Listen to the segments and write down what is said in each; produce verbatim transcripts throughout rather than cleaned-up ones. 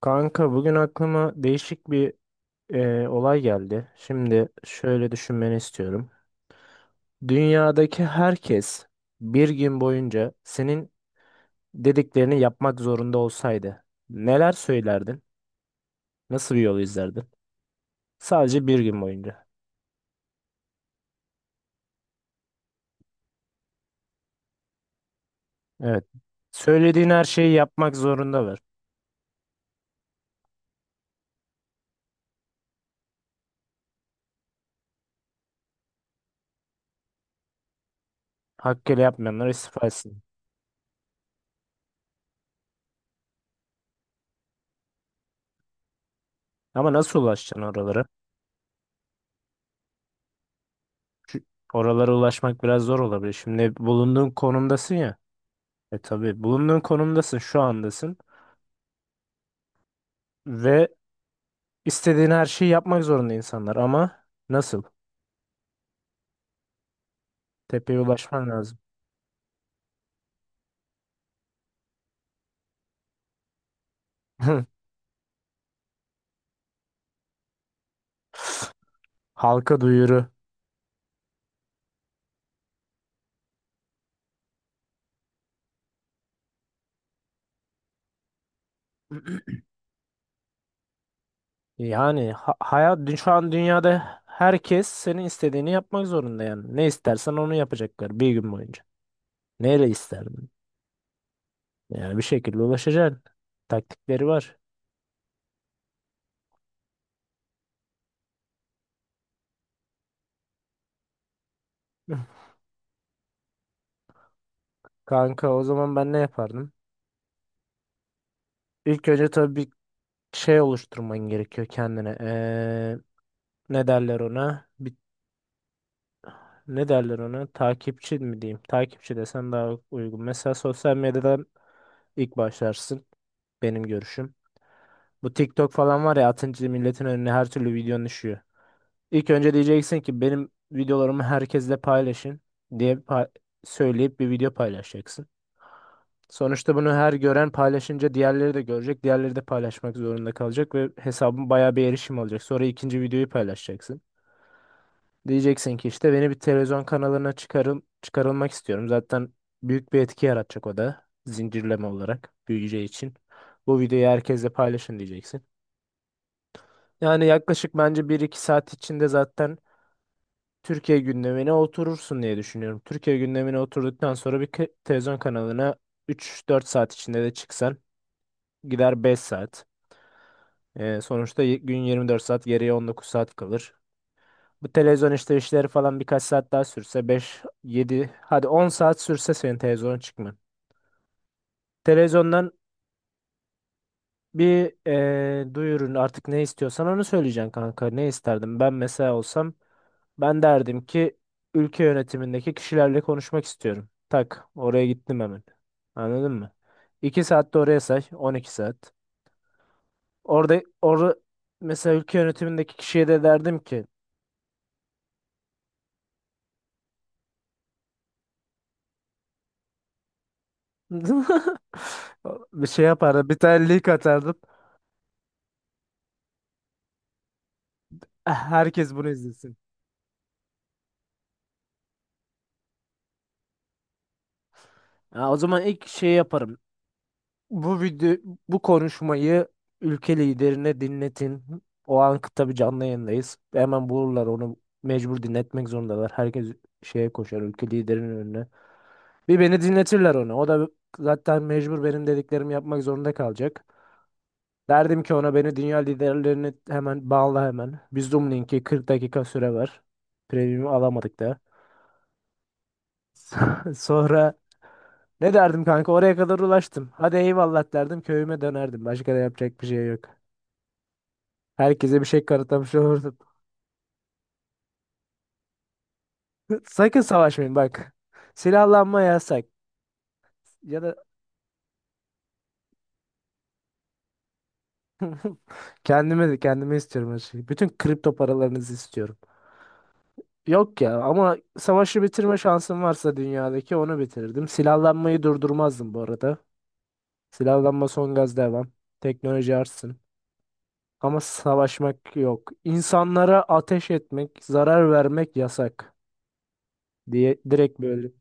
Kanka bugün aklıma değişik bir e, olay geldi. Şimdi şöyle düşünmeni istiyorum. Dünyadaki herkes bir gün boyunca senin dediklerini yapmak zorunda olsaydı neler söylerdin? Nasıl bir yol izlerdin? Sadece bir gün boyunca. Evet. Söylediğin her şeyi yapmak zorundalar. Hakkıyla yapmayanlar istifa etsin. Ama nasıl ulaşacaksın oralara? Oralara ulaşmak biraz zor olabilir. Şimdi bulunduğun konumdasın ya. E tabii bulunduğun konumdasın, şu andasın. Ve İstediğin her şeyi yapmak zorunda insanlar ama nasıl? Tepeye ulaşman lazım. Halka duyuru. Yani ha- hayat dü- şu an dünyada herkes senin istediğini yapmak zorunda yani. Ne istersen onu yapacaklar bir gün boyunca. Neyle isterdin? Yani bir şekilde ulaşacaksın. Taktikleri var. Kanka o zaman ben ne yapardım? İlk önce tabii bir şey oluşturman gerekiyor kendine. Ee, ne derler ona? Bir ne derler ona? Takipçi mi diyeyim? Takipçi desem daha uygun. Mesela sosyal medyadan ilk başlarsın. Benim görüşüm. Bu TikTok falan var ya, atınca milletin önüne her türlü videon düşüyor. İlk önce diyeceksin ki benim videolarımı herkesle paylaşın diye pa- söyleyip bir video paylaşacaksın. Sonuçta bunu her gören paylaşınca diğerleri de görecek. Diğerleri de paylaşmak zorunda kalacak ve hesabın bayağı bir erişim alacak. Sonra ikinci videoyu paylaşacaksın. Diyeceksin ki işte beni bir televizyon kanalına çıkarıl çıkarılmak istiyorum. Zaten büyük bir etki yaratacak o da, zincirleme olarak büyüyeceği için. Bu videoyu herkesle paylaşın diyeceksin. Yani yaklaşık bence bir iki saat içinde zaten Türkiye gündemine oturursun diye düşünüyorum. Türkiye gündemine oturduktan sonra bir ke- televizyon kanalına üç dört saat içinde de çıksan, gider beş saat. Ee, sonuçta y- gün yirmi dört saat, geriye on dokuz saat kalır. Bu televizyon işte işleri falan birkaç saat daha sürse, beş yedi, hadi on saat sürse senin televizyona çıkman. Televizyondan bir eee duyurun, artık ne istiyorsan onu söyleyeceksin kanka. Ne isterdim? Ben mesela olsam ben derdim ki ülke yönetimindeki kişilerle konuşmak istiyorum. Tak oraya gittim hemen. Anladın mı? iki saat de oraya say. On iki saat. Orada orada mesela ülke yönetimindeki kişiye de derdim ki bir şey yapardım. Bir tane link atardım. Herkes bunu izlesin. Ha, o zaman ilk şey yaparım. Bu video, bu konuşmayı ülke liderine dinletin. O an tabii canlı yayındayız. Hemen bulurlar onu, mecbur dinletmek zorundalar. Herkes şeye koşar, ülke liderinin önüne. Bir beni dinletirler onu. O da zaten mecbur benim dediklerimi yapmak zorunda kalacak. Derdim ki ona beni dünya liderlerini hemen bağla hemen. Bir Zoom linki, kırk dakika süre ver. Premium'u alamadık. Sonra ne derdim kanka, oraya kadar ulaştım. Hadi eyvallah derdim, köyüme dönerdim. Başka da yapacak bir şey yok. Herkese bir şey kanıtlamış olurdum. Sakın savaşmayın bak. Silahlanma yasak. Ya da kendime de, kendime istiyorum her şeyi. Bütün kripto paralarınızı istiyorum. Yok ya, ama savaşı bitirme şansım varsa dünyadaki, onu bitirirdim. Silahlanmayı durdurmazdım bu arada. Silahlanma son gaz devam. Teknoloji artsın. Ama savaşmak yok. İnsanlara ateş etmek, zarar vermek yasak diye, direkt böyle.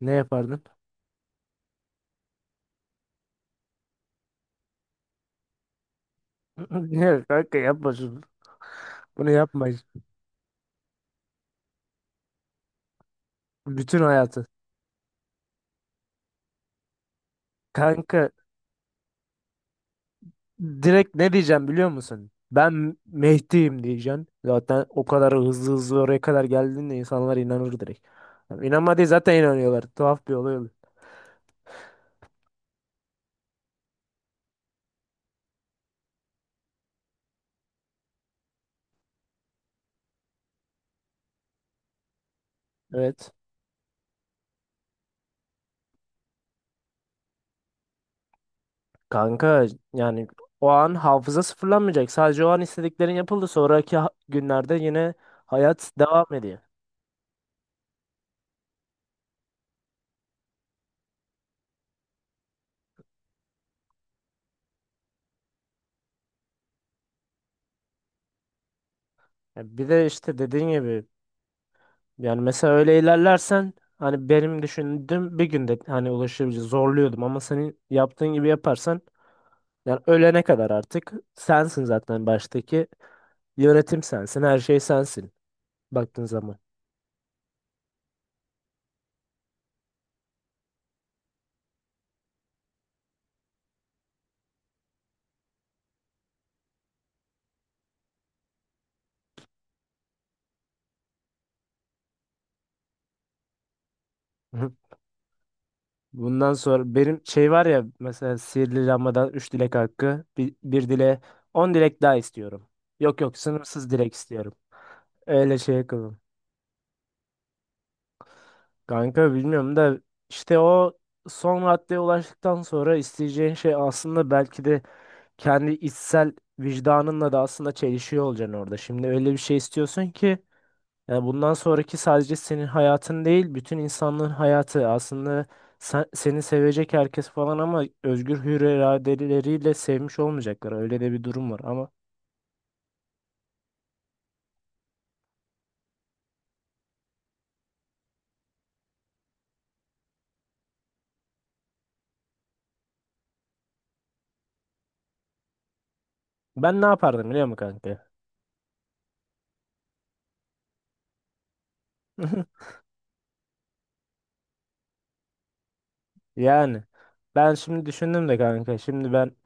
Ne yapardın? Ne kanka, yapmasın. Bunu yapmayız. Bütün hayatı. Kanka, direkt ne diyeceğim biliyor musun? Ben Mehdi'yim diyeceksin. Zaten o kadar hızlı hızlı oraya kadar geldiğinde insanlar inanır direkt. Yani İnanmadığı zaten, inanıyorlar. Tuhaf bir olay oluyor. Evet. Kanka yani o an hafıza sıfırlanmayacak. Sadece o an istediklerin yapıldı. Sonraki ha- günlerde yine hayat devam ediyor. Ya bir de işte dediğin gibi, yani mesela öyle ilerlersen, hani benim düşündüğüm bir günde hani ulaşabileceğim, zorluyordum ama senin yaptığın gibi yaparsan yani ölene kadar artık sensin zaten, baştaki yönetim sensin, her şey sensin baktığın zaman. Bundan sonra benim şey var ya, mesela sihirli lambadan üç dilek hakkı, bir, bir dile on dilek daha istiyorum. Yok yok, sınırsız dilek istiyorum. Öyle şey yapalım. Kanka bilmiyorum da, işte o son raddeye ulaştıktan sonra isteyeceğin şey aslında belki de kendi içsel vicdanınla da aslında çelişiyor olacaksın orada. Şimdi öyle bir şey istiyorsun ki, yani bundan sonraki sadece senin hayatın değil, bütün insanlığın hayatı. Aslında sen- seni sevecek herkes falan, ama özgür hür iradeleriyle sevmiş olmayacaklar. Öyle de bir durum var ama ben ne yapardım biliyor musun kanka? Yani ben şimdi düşündüm de kanka. Şimdi ben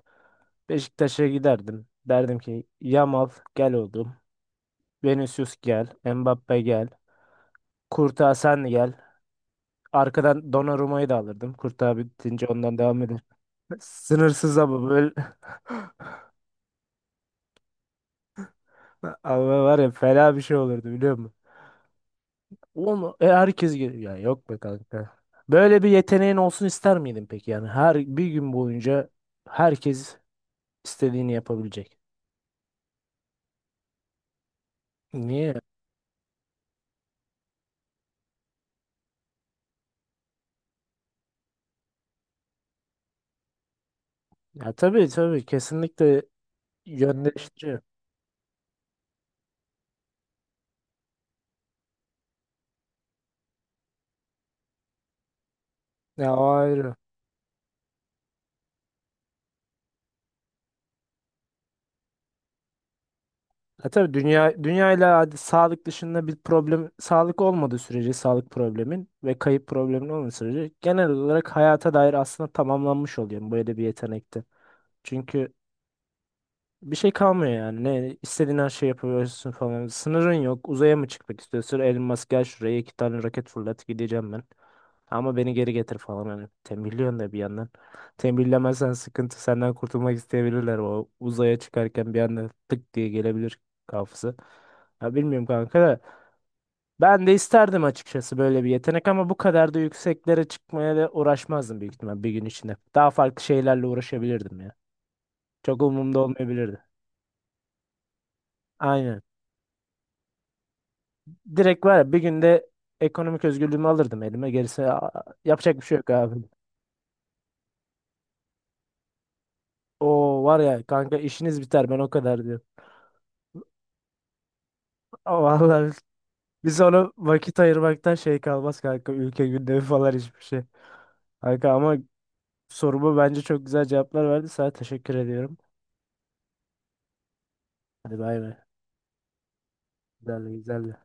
Beşiktaş'a giderdim. Derdim ki Yamal, gel oğlum. Vinicius gel. Mbappe gel. Kurtağı sen gel. Arkadan Donnarumma'yı da alırdım. Kurtağı bitince ondan devam eder. Sınırsız ama böyle. Ama var ya, fena bir şey olurdu biliyor musun? Oğlum e, herkes geliyor. Ya yok be kanka. Böyle bir yeteneğin olsun ister miydin peki? Yani her bir gün boyunca herkes istediğini yapabilecek. Niye? Ya tabii tabii, kesinlikle yönlendirici. Ya o ayrı. Ya tabii, dünya dünyayla, hadi sağlık dışında bir problem, sağlık olmadığı sürece, sağlık problemin ve kayıp problemin olmadığı sürece genel olarak hayata dair aslında tamamlanmış oluyor böyle bir yetenekte. Çünkü bir şey kalmıyor yani. Ne istediğin her şeyi yapabiliyorsun falan. Sınırın yok. Uzaya mı çıkmak istiyorsun? Elon Musk gel şuraya, iki tane roket fırlat, gideceğim ben. Ama beni geri getir falan hani. Tembihliyorsun da bir yandan. Tembihlemezsen sıkıntı, senden kurtulmak isteyebilirler. O uzaya çıkarken bir anda tık diye gelebilir kafası. Ya bilmiyorum kanka da. Ben de isterdim açıkçası böyle bir yetenek, ama bu kadar da yükseklere çıkmaya da uğraşmazdım büyük ihtimal bir gün içinde. Daha farklı şeylerle uğraşabilirdim ya. Çok umurumda olmayabilirdi. Aynen. Direkt var ya bir günde ekonomik özgürlüğümü alırdım elime. Gerisi, aa, yapacak bir şey yok abi. O var ya kanka, işiniz biter ben o kadar diyorum. Aa, Vallahi biz ona vakit ayırmaktan şey kalmaz kanka, ülke gündemi falan hiçbir şey. Kanka ama soruma bence çok güzel cevaplar verdi. Sana teşekkür ediyorum. Hadi bay bay. Güzeldi güzeldi.